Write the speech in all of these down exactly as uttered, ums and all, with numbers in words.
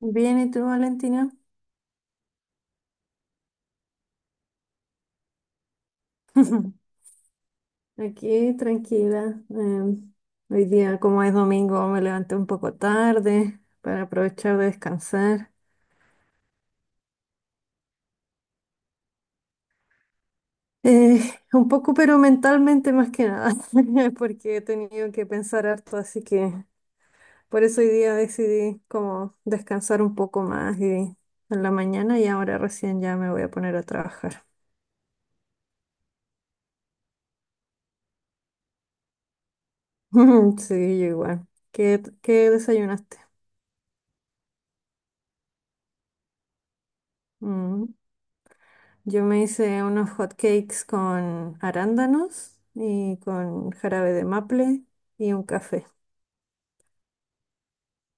Bien, ¿y tú, Valentina? Aquí, tranquila. Em, hoy día, como es domingo, me levanté un poco tarde para aprovechar de descansar. Eh, un poco, pero mentalmente más que nada, porque he tenido que pensar harto, así que por eso hoy día decidí como descansar un poco más y en la mañana y ahora recién ya me voy a poner a trabajar. Sí, yo igual. ¿Qué, qué desayunaste? Mm. Yo me hice unos hot cakes con arándanos y con jarabe de maple y un café.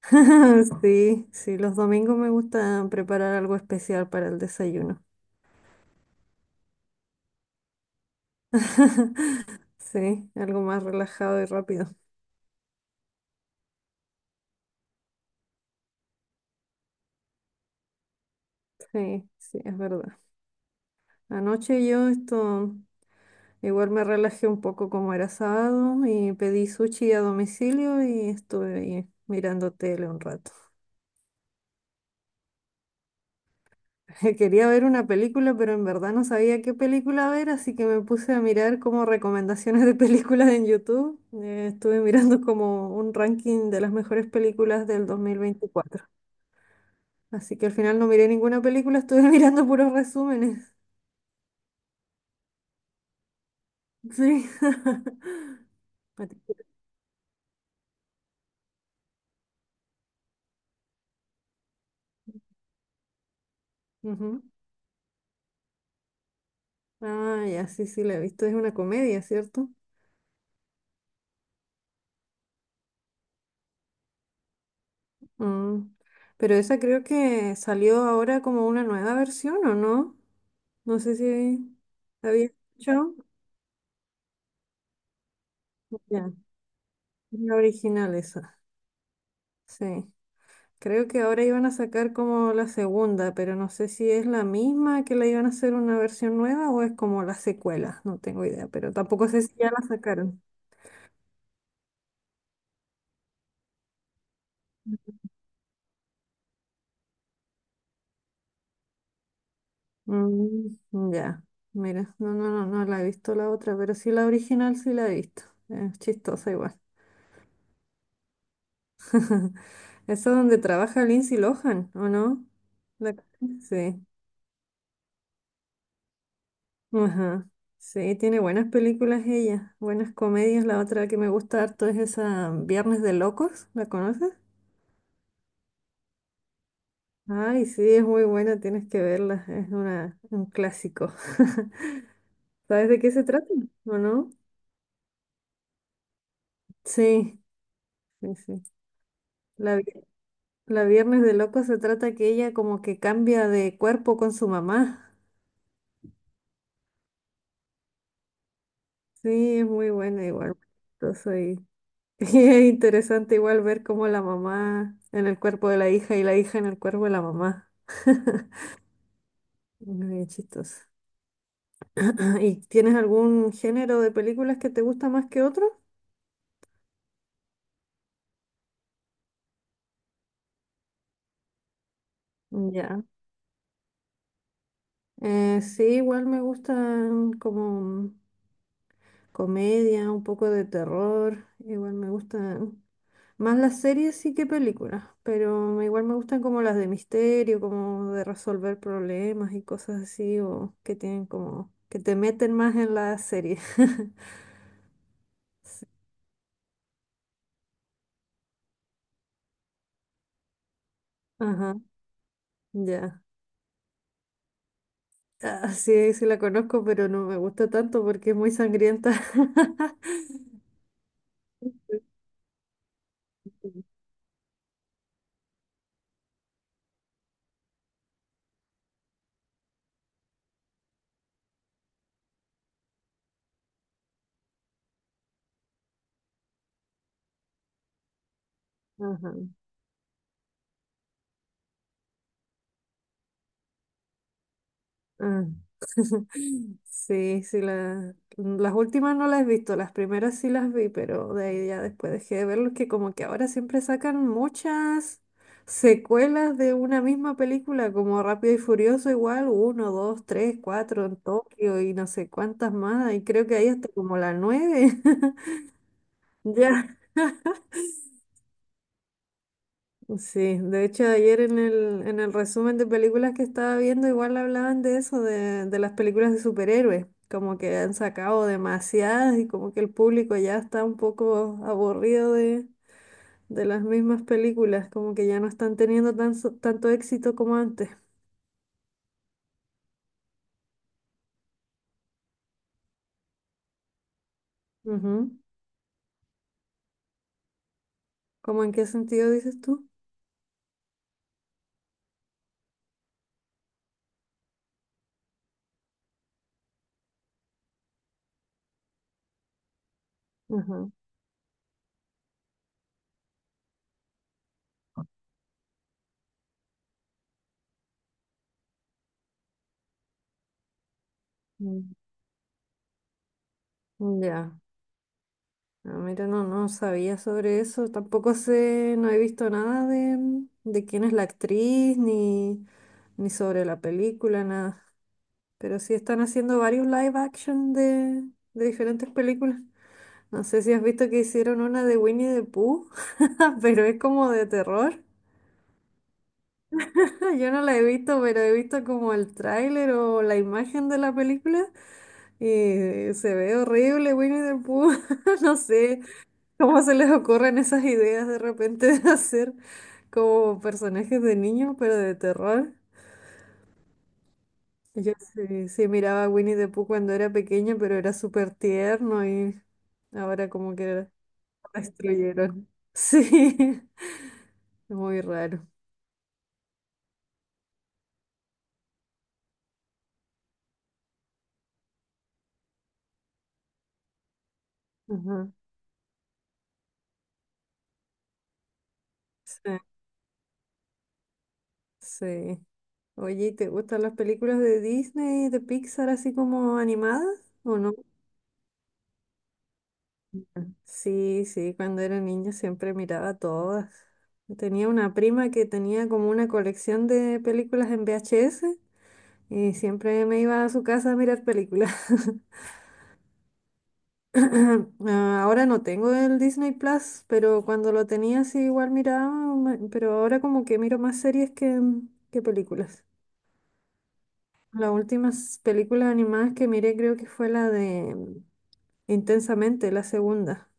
Sí, sí, los domingos me gusta preparar algo especial para el desayuno. Sí, algo más relajado y rápido. Sí, sí, es verdad. Anoche yo esto igual me relajé un poco como era sábado y pedí sushi a domicilio y estuve ahí mirando tele un rato. Quería ver una película, pero en verdad no sabía qué película ver, así que me puse a mirar como recomendaciones de películas en YouTube. Eh, estuve mirando como un ranking de las mejores películas del dos mil veinticuatro. Así que al final no miré ninguna película, estuve mirando puros resúmenes. Sí. A ti- sí. Ujú. Ah, ya, sí, sí, la he visto. Es una comedia, ¿cierto? Mm. Pero esa creo que salió ahora como una nueva versión, ¿o no? No sé si había escuchado. La original esa, sí. Creo que ahora iban a sacar como la segunda, pero no sé si es la misma que la iban a hacer una versión nueva o es como la secuela, no tengo idea, pero tampoco sé si ya la sacaron. Mm, ya, mira, no, no, no, no la he visto la otra, pero sí la original sí la he visto. Es chistosa igual. Eso es donde trabaja Lindsay Lohan, ¿o no? La- Sí. Ajá. Sí, tiene buenas películas ella, buenas comedias. La otra que me gusta harto es esa mm, Viernes de Locos, ¿la conoces? Ay, sí, es muy buena, tienes que verla, es una, un clásico. ¿Sabes de qué se trata? ¿O no? Sí, sí, sí. La, vi- la Viernes de Locos se trata que ella como que cambia de cuerpo con su mamá. Sí, es muy buena igual. Yo soy Es interesante igual ver cómo la mamá en el cuerpo de la hija y la hija en el cuerpo de la mamá. Muy chistoso. ¿Y tienes algún género de películas que te gusta más que otro? Ya. Eh, sí, igual me gustan como comedia, un poco de terror, igual me gusta. Más las series sí que películas, pero igual me gustan como las de misterio, como de resolver problemas y cosas así, o que tienen como, que te meten más en la serie. Sí. Ajá, ya. Ah, sí, sí la conozco, pero no me gusta tanto porque es muy sangrienta. Sí. Ajá, ajá. Sí, sí, la- las últimas no las he visto, las primeras sí las vi, pero de ahí ya después dejé de verlos, que como que ahora siempre sacan muchas secuelas de una misma película, como Rápido y Furioso igual, uno, dos, tres, cuatro en Tokio y no sé cuántas más, y creo que ahí hasta como la nueve, ya. Sí, de hecho ayer en el, en el resumen de películas que estaba viendo igual hablaban de eso, de, de las películas de superhéroes, como que han sacado demasiadas y como que el público ya está un poco aburrido de, de las mismas películas, como que ya no están teniendo tan, so- tanto éxito como antes. Ujú. ¿Cómo en qué sentido dices tú? Ujú. Mm. Ya. No, mira, no, no sabía sobre eso. Tampoco sé, no he visto nada de, de quién es la actriz, ni, ni sobre la película, nada. Pero sí están haciendo varios live action de, de diferentes películas. No sé si has visto que hicieron una de Winnie the Pooh, pero es como de terror. Yo no la he visto, pero he visto como el tráiler o la imagen de la película y se ve horrible Winnie the Pooh. No sé, ¿cómo se les ocurren esas ideas de repente de hacer como personajes de niños, pero de terror? Yo sí, sí miraba a Winnie the Pooh cuando era pequeña, pero era súper tierno y ahora como que lo destruyeron. Sí, muy raro. Ajá. Sí, sí. Oye, ¿y te gustan las películas de Disney, de Pixar, así como animadas? ¿O no? Sí, sí, cuando era niña siempre miraba todas. Tenía una prima que tenía como una colección de películas en V H S y siempre me iba a su casa a mirar películas. Ah, ahora no tengo el Disney Plus, pero cuando lo tenía sí igual miraba, ma- pero ahora como que miro más series que, que películas. Las últimas películas animadas que miré creo que fue la de mm, Intensamente, la segunda.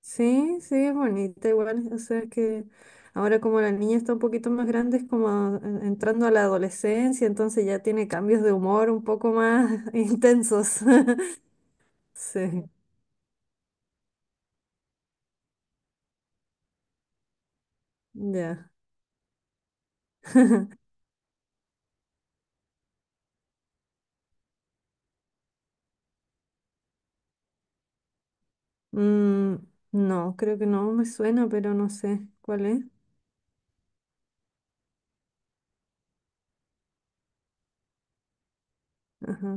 Sí, sí, es bonita igual. O sea que ahora como la niña está un poquito más grande, es como en- entrando a la adolescencia, entonces ya tiene cambios de humor un poco más intensos. Sí, ya. Mm, no, creo que no me suena, pero no sé cuál es. Ajá,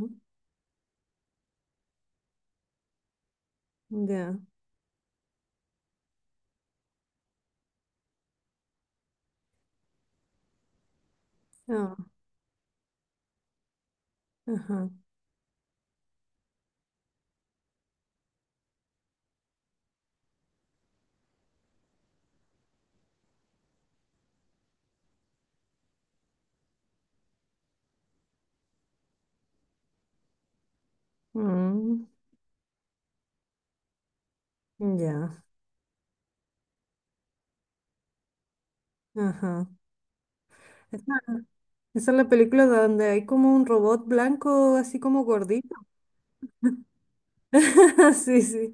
ya. Ah, ajá. Mm, ya. Ajá. Esa Esa es la película donde hay como un robot blanco así como gordito. Sí, sí.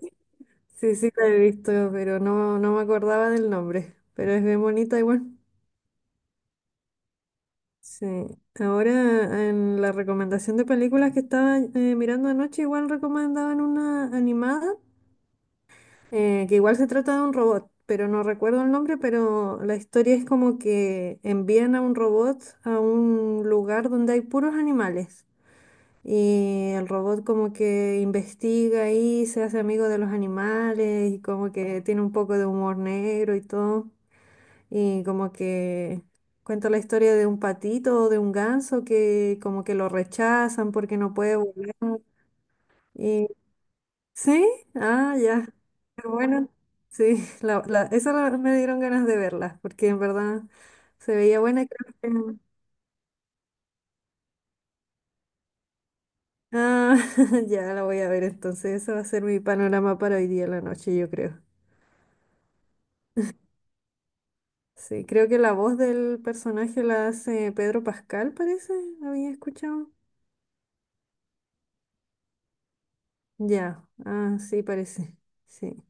Sí, sí, la he visto, pero no, no me acordaba del nombre. Pero es bien bonita igual. Sí. Ahora en la recomendación de películas que estaba eh, mirando anoche, igual recomendaban una animada, eh, que igual se trata de un robot, pero no recuerdo el nombre, pero la historia es como que envían a un robot a un lugar donde hay puros animales. Y el robot como que investiga ahí, se hace amigo de los animales y como que tiene un poco de humor negro y todo. Y como que cuenta la historia de un patito o de un ganso que como que lo rechazan porque no puede volar. Y sí, ah, ya. Pero bueno, sí, la, la, esa la- me dieron ganas de verla, porque en verdad se veía buena. Y creo que- ah, ya la voy a ver entonces. Ese va a ser mi panorama para hoy día en la noche, yo creo. Sí, creo que la voz del personaje la hace Pedro Pascal, parece. ¿Había escuchado? Ya, ah, sí, parece. Sí.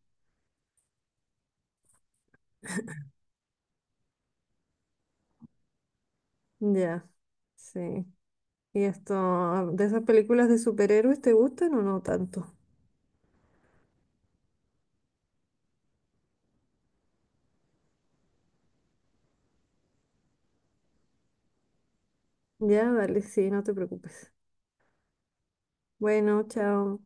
Ya, sí. ¿Y esto, de esas películas de superhéroes, te gustan o no tanto? Ya, dale, sí, no te preocupes. Bueno, chao.